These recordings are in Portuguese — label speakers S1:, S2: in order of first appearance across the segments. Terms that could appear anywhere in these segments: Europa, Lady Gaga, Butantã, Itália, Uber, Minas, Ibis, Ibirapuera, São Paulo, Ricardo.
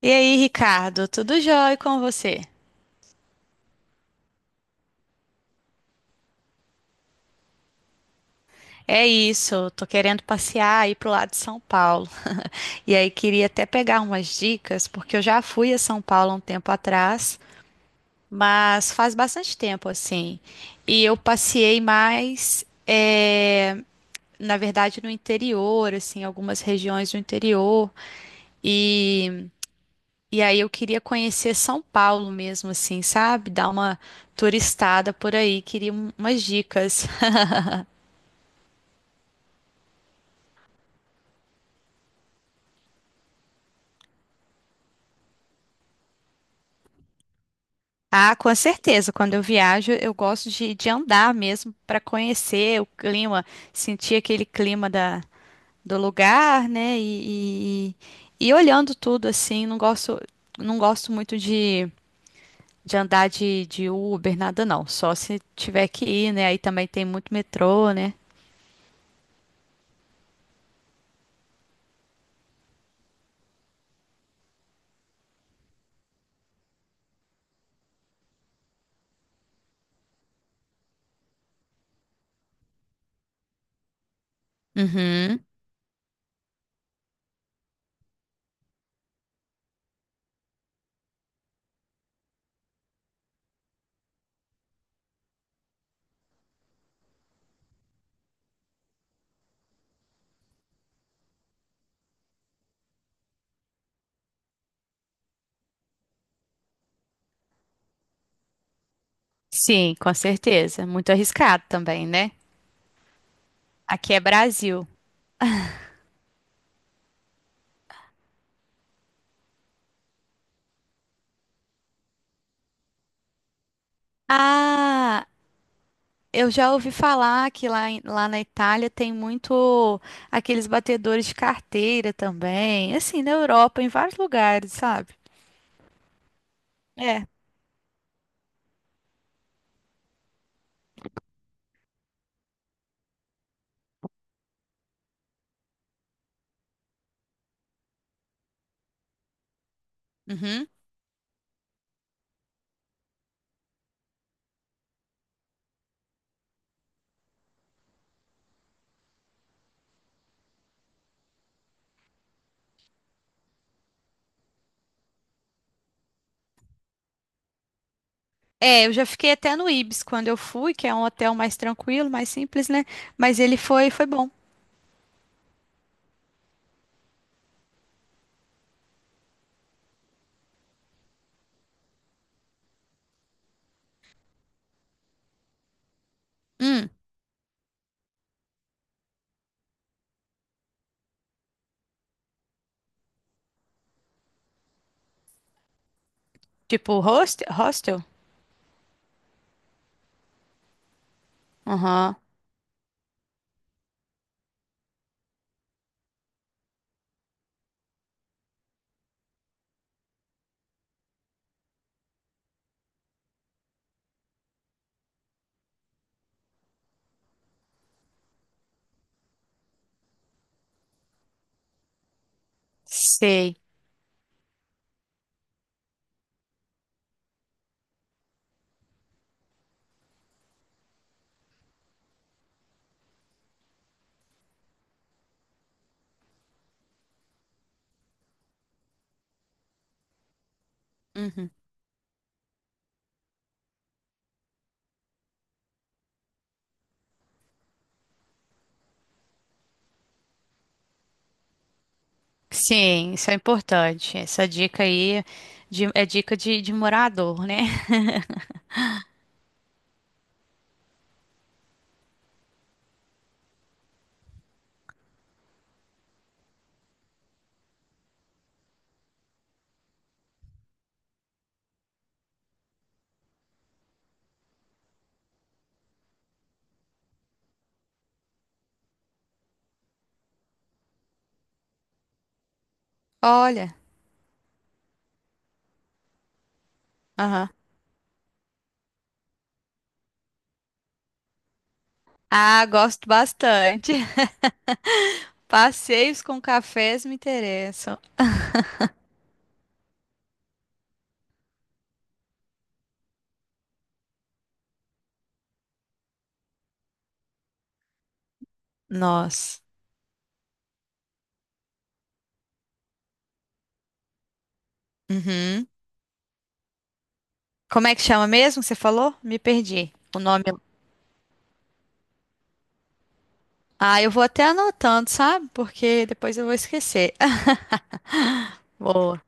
S1: E aí, Ricardo, tudo jóia com você? É isso, tô querendo passear aí pro lado de São Paulo. E aí queria até pegar umas dicas, porque eu já fui a São Paulo há um tempo atrás, mas faz bastante tempo assim. E eu passei mais, na verdade, no interior, assim, algumas regiões do interior. E, e aí eu queria conhecer São Paulo mesmo, assim, sabe? Dar uma turistada por aí, queria umas dicas. Ah, com certeza. Quando eu viajo, eu gosto de andar mesmo para conhecer o clima, sentir aquele clima do lugar, né? E olhando tudo assim, não gosto, não gosto muito de andar de Uber, nada não. Só se tiver que ir, né? Aí também tem muito metrô, né? Uhum. Sim, com certeza. Muito arriscado também, né? Aqui é Brasil. Ah, eu já ouvi falar que lá, lá na Itália tem muito aqueles batedores de carteira também, assim, na Europa, em vários lugares, sabe? É. Uhum. É, eu já fiquei até no Ibis quando eu fui, que é um hotel mais tranquilo, mais simples, né? Mas ele foi, foi bom. Hum, tipo hostel? Aham. Sei. Uhum. Sim, isso é importante. Essa dica aí é dica de morador, né? Olha. Aham. Ah, gosto bastante. Passeios com cafés me interessam. Nós. Uhum. Como é que chama mesmo? Que você falou? Me perdi. O nome. Ah, eu vou até anotando, sabe? Porque depois eu vou esquecer. Boa.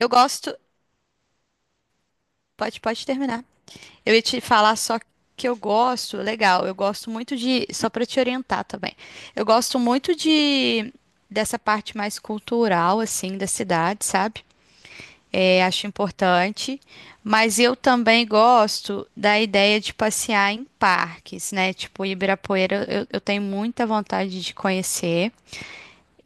S1: Eu gosto. Pode, pode terminar. Eu ia te falar só que eu gosto. Legal. Eu gosto muito de. Só para te orientar também. Eu gosto muito de dessa parte mais cultural, assim, da cidade, sabe? É, acho importante, mas eu também gosto da ideia de passear em parques, né? Tipo, Ibirapuera, eu tenho muita vontade de conhecer.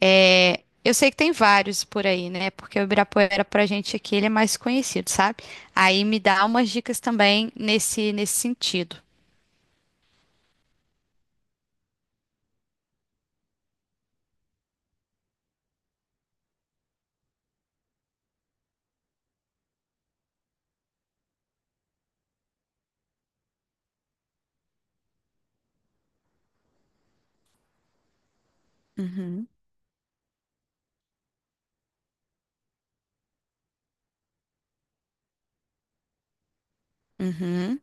S1: É, eu sei que tem vários por aí, né? Porque o Ibirapuera, pra gente aqui, ele é mais conhecido, sabe? Aí me dá umas dicas também nesse sentido. Uhum, uhum,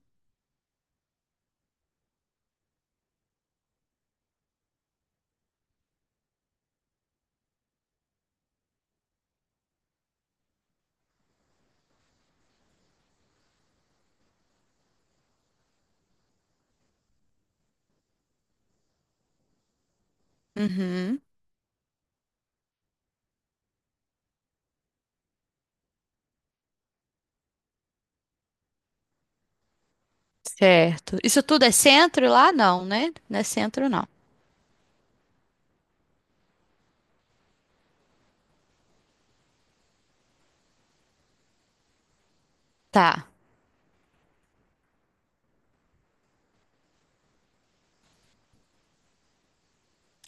S1: uhum. Certo. Isso tudo é centro lá? Não, né? Não é centro, não. Tá.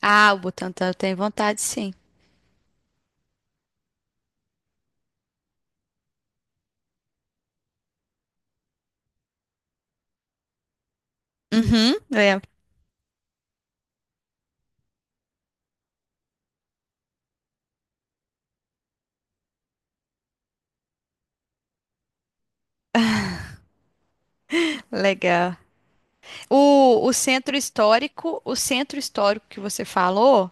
S1: Ah, o Butantã eu tenho vontade, sim. Uhum, lembro. Legal. O centro histórico que você falou,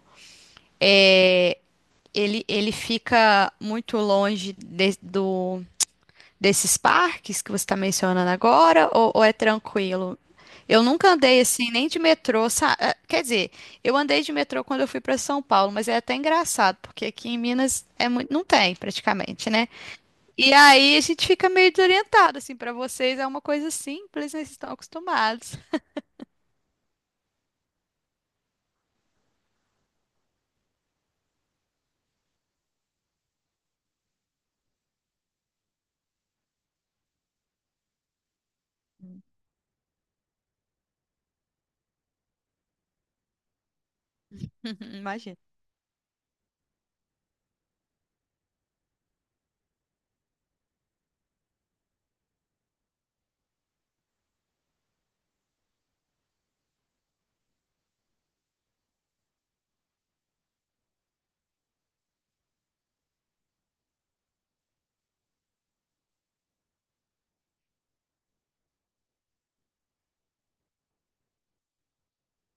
S1: é, ele fica muito longe do, desses parques que você está mencionando agora, ou é tranquilo? Eu nunca andei assim, nem de metrô, quer dizer, eu andei de metrô quando eu fui para São Paulo, mas é até engraçado, porque aqui em Minas é muito, não tem praticamente, né? E aí a gente fica meio desorientado, assim, para vocês é uma coisa simples, né? Vocês estão acostumados. Uhum, imagina.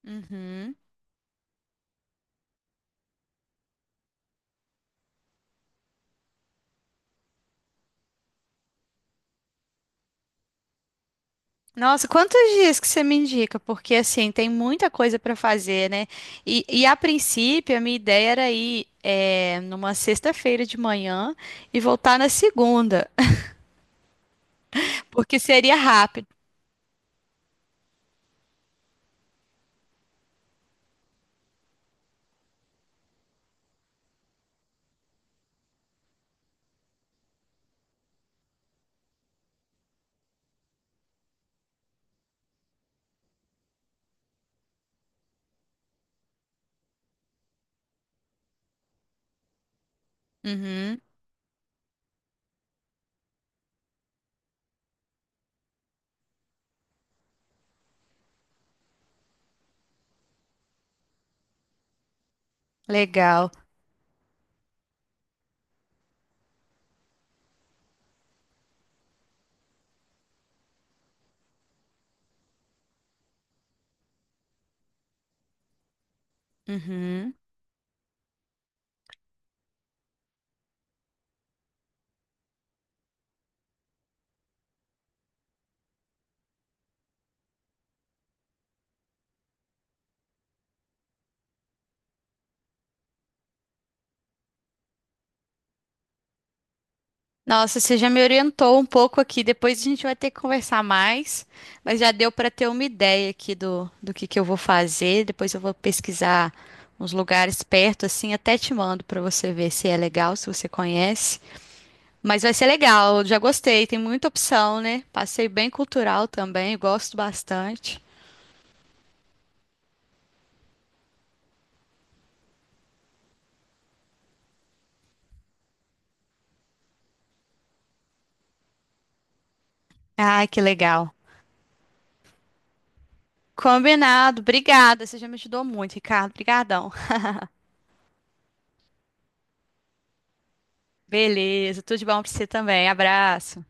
S1: Uhum. Nossa, quantos dias que você me indica? Porque assim, tem muita coisa para fazer, né? E a princípio, a minha ideia era ir é numa sexta-feira de manhã e voltar na segunda, porque seria rápido. Uhum. Legal. Uhum. Nossa, você já me orientou um pouco aqui. Depois a gente vai ter que conversar mais, mas já deu para ter uma ideia aqui do que eu vou fazer. Depois eu vou pesquisar uns lugares perto, assim, até te mando para você ver se é legal, se você conhece. Mas vai ser legal, eu já gostei, tem muita opção, né? Passei bem cultural também, gosto bastante. Ai, que legal. Combinado, obrigada. Você já me ajudou muito, Ricardo. Obrigadão. Beleza, tudo de bom para você também. Abraço.